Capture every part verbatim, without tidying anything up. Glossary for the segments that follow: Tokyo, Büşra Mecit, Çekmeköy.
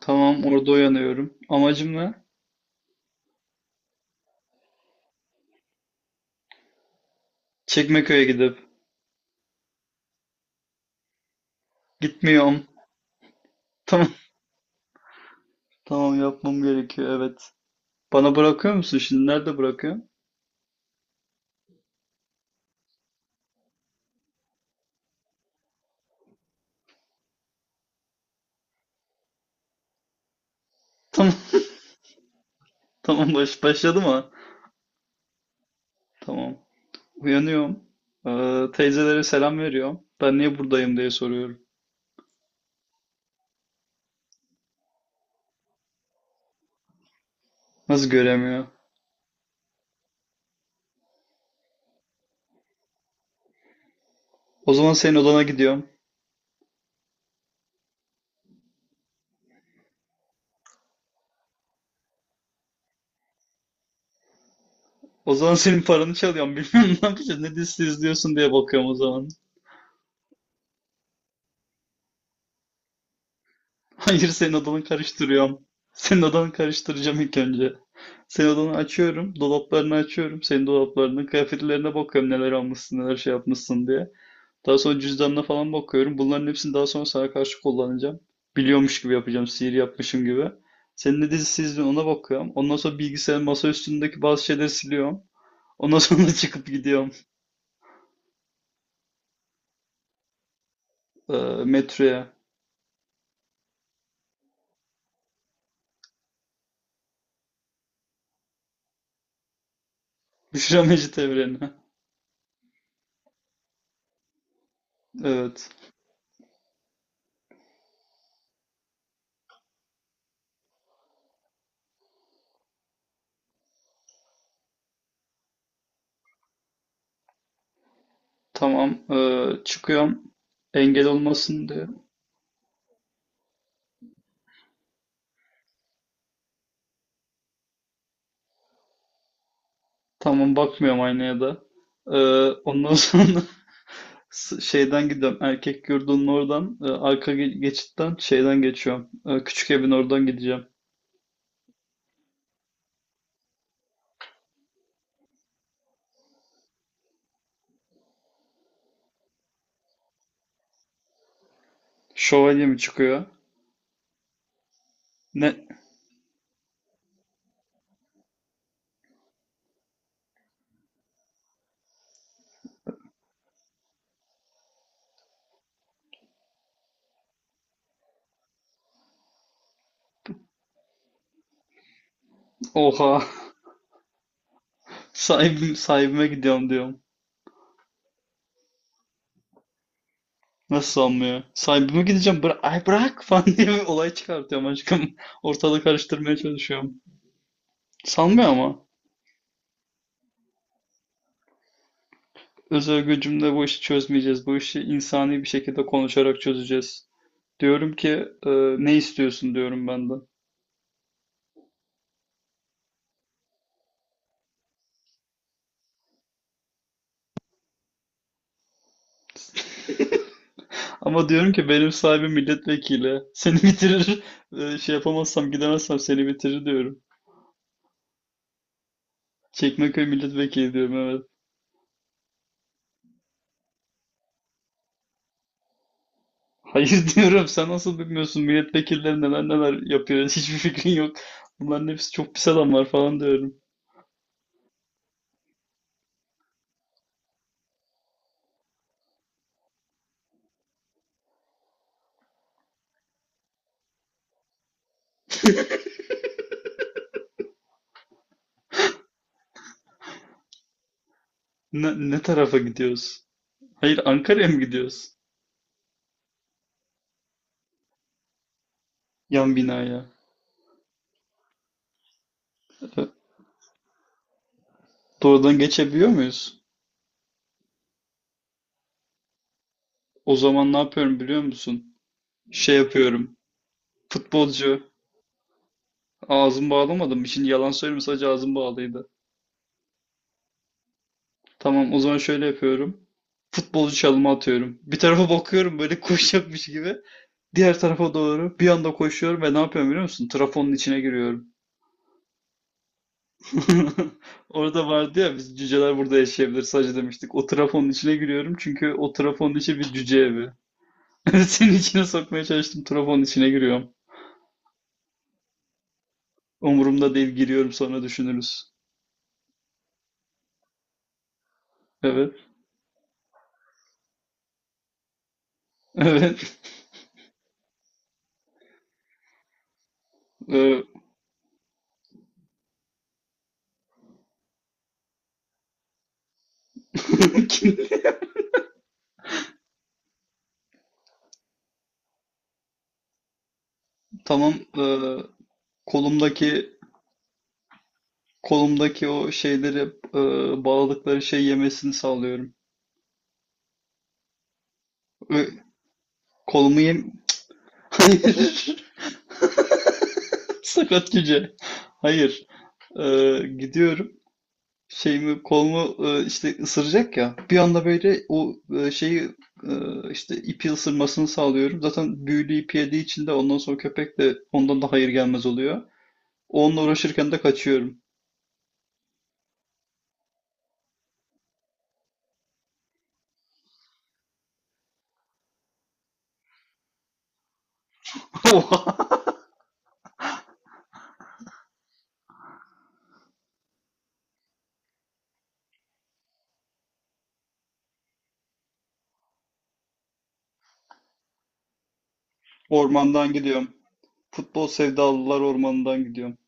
Tamam orada uyanıyorum. Amacım ne? Çekmeköy'e gidip. Gitmiyorum. Tamam. Tamam yapmam gerekiyor, evet. Bana bırakıyor musun şimdi? Nerede bırakıyorsun? Tamam. Tamam baş, başladı mı? Tamam. Uyanıyorum. Ee, teyzelere selam veriyorum. Ben niye buradayım diye soruyorum. Nasıl göremiyor? O zaman senin odana gidiyorum. O zaman senin paranı çalıyorum. Bilmiyorum ne yapacağız. Ne dizisi izliyorsun diye bakıyorum o zaman. Hayır, senin odanı karıştırıyorum. Senin odanı karıştıracağım ilk önce. Senin odanı açıyorum. Dolaplarını açıyorum. Senin dolaplarının kıyafetlerine bakıyorum neler almışsın neler şey yapmışsın diye. Daha sonra cüzdanına falan bakıyorum. Bunların hepsini daha sonra sana karşı kullanacağım. Biliyormuş gibi yapacağım. Sihir yapmışım gibi. Senin ne dizisi izliyorsun ona bakıyorum. Ondan sonra bilgisayarın masa üstündeki bazı şeyleri siliyorum. Ondan sonra çıkıp gidiyorum e, metroya. Büşra Mecit evrenine. Evet. Tamam. E, çıkıyorum engel olmasın diye. Tamam, bakmıyorum aynaya da. Ee, Ondan sonra s- şeyden gidiyorum. Erkek yurdunun oradan, e, arka ge- geçitten şeyden geçiyorum. Ee, küçük evin oradan gideceğim. Şövalye mi çıkıyor? Ne? Oha. Sahibim, sahibime gidiyorum diyorum. Nasıl sanmıyor? Sahibime gideceğim. Bıra Ay bırak falan diye bir olay çıkartıyorum aşkım. Ortalığı karıştırmaya çalışıyorum. Sanmıyor ama. Özel gücümle bu işi çözmeyeceğiz. Bu işi insani bir şekilde konuşarak çözeceğiz. Diyorum ki e, ne istiyorsun diyorum ben de. Ama diyorum ki benim sahibim milletvekili. Seni bitirir. Ee, Şey yapamazsam gidemezsem seni bitirir diyorum. Çekmeköy milletvekili diyorum, evet. Hayır, diyorum sen nasıl bilmiyorsun milletvekilleri neler neler yapıyor, hiçbir fikrin yok. Bunların hepsi çok pis adamlar falan diyorum. Ne, ne tarafa gidiyoruz? Hayır, Ankara'ya mı gidiyoruz? Yan binaya. Ee, Doğrudan geçebiliyor muyuz? O zaman ne yapıyorum biliyor musun? Şey yapıyorum. Futbolcu. Ağzımı bağlamadım. Şimdi yalan söylemiyorum, sadece ağzım bağlıydı. Tamam, o zaman şöyle yapıyorum. Futbolcu çalımı atıyorum. Bir tarafa bakıyorum böyle koşacakmış gibi. Diğer tarafa doğru bir anda koşuyorum ve ne yapıyorum biliyor musun? Trafonun içine giriyorum. Orada vardı ya biz cüceler burada yaşayabilir sadece demiştik. O trafonun içine giriyorum çünkü o trafonun içi bir cüce evi. Senin içine sokmaya çalıştım, trafonun içine giriyorum. Umurumda değil, giriyorum, sonra düşünürüz. Evet. Evet. Ee, Tamam. ee, kolumdaki Kolumdaki o şeyleri, e, bağladıkları şey yemesini sağlıyorum. Ö- Kolumu yem... Hayır. Sakat cüce. Hayır. E, Gidiyorum. Şeyimi kolumu, e, işte ısıracak ya. Bir anda böyle o, e, şeyi, e, işte ipi ısırmasını sağlıyorum. Zaten büyülü ipi yediği için de ondan sonra köpek de ondan da hayır gelmez oluyor. Onunla uğraşırken de kaçıyorum. Ormandan gidiyorum. Futbol sevdalılar ormanından gidiyorum.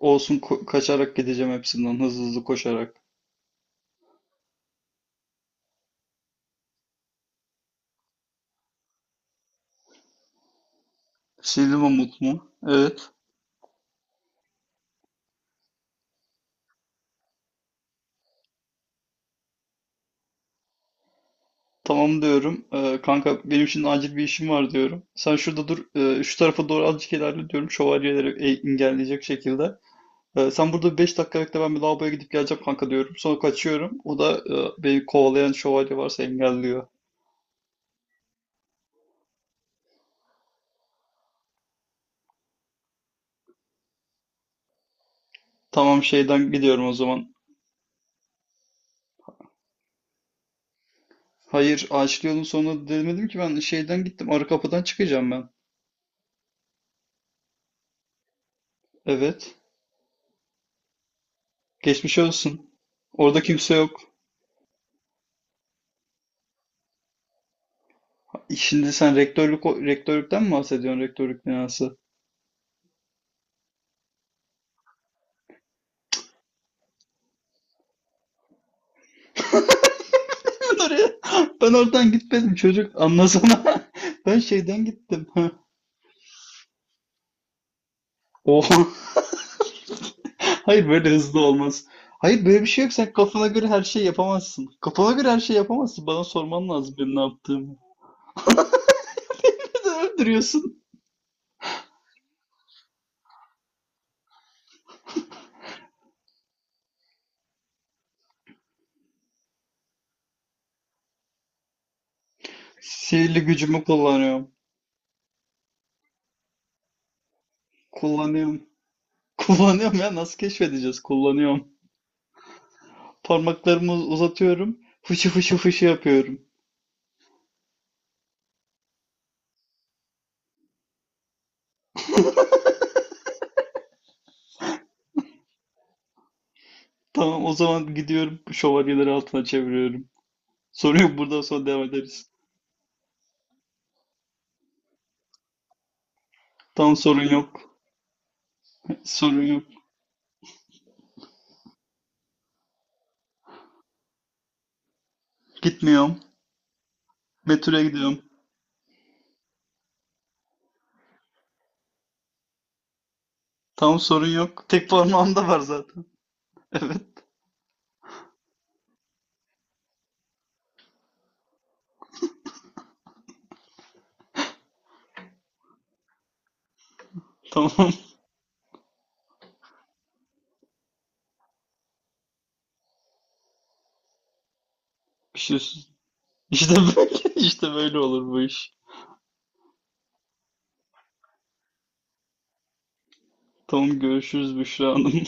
Olsun, ko- kaçarak gideceğim hepsinden hızlı hızlı koşarak. Sildim mu? Evet. Tamam diyorum. Ee, kanka benim şimdi acil bir işim var diyorum. Sen şurada dur. E, şu tarafa doğru azıcık ilerle diyorum. Şövalyeleri e- engelleyecek şekilde. Ee, sen burada beş dakika bekle, ben bir lavaboya gidip geleceğim kanka diyorum. Sonra kaçıyorum. O da e, beni kovalayan şövalye varsa engelliyor. Tamam, şeyden gidiyorum o zaman. Hayır, ağaçlı yolun sonuna demedim ki, ben şeyden gittim. Arı kapıdan çıkacağım ben. Evet. Geçmiş olsun. Orada kimse yok. Şimdi sen rektörlük rektörlükten mi bahsediyorsun? Rektörlük binası. Ben oraya Ben oradan gitmedim çocuk, anlasana. Ben şeyden gittim. Oha. Hayır, böyle hızlı olmaz. Hayır, böyle bir şey yok. Sen kafana göre her şey yapamazsın. Kafana göre her şey yapamazsın. Bana sorman lazım benim ne yaptığımı. Neden öldürüyorsun? Sihirli gücümü kullanıyorum. Kullanıyorum. Kullanıyorum ya, nasıl keşfedeceğiz? Kullanıyorum. Parmaklarımı uzatıyorum. Fışı fışı fışı yapıyorum. Tamam, o zaman gidiyorum, şövalyeleri altına çeviriyorum. Sorun yok. Buradan sonra devam ederiz. Tam sorun yok. Sorun yok. Gitmiyorum. Betül'e gidiyorum. Tam sorun yok. Tek parmağım da var zaten. Evet. Tamam. Bir şey. İşte böyle, işte böyle olur bu iş. Tamam, görüşürüz Büşra Hanım.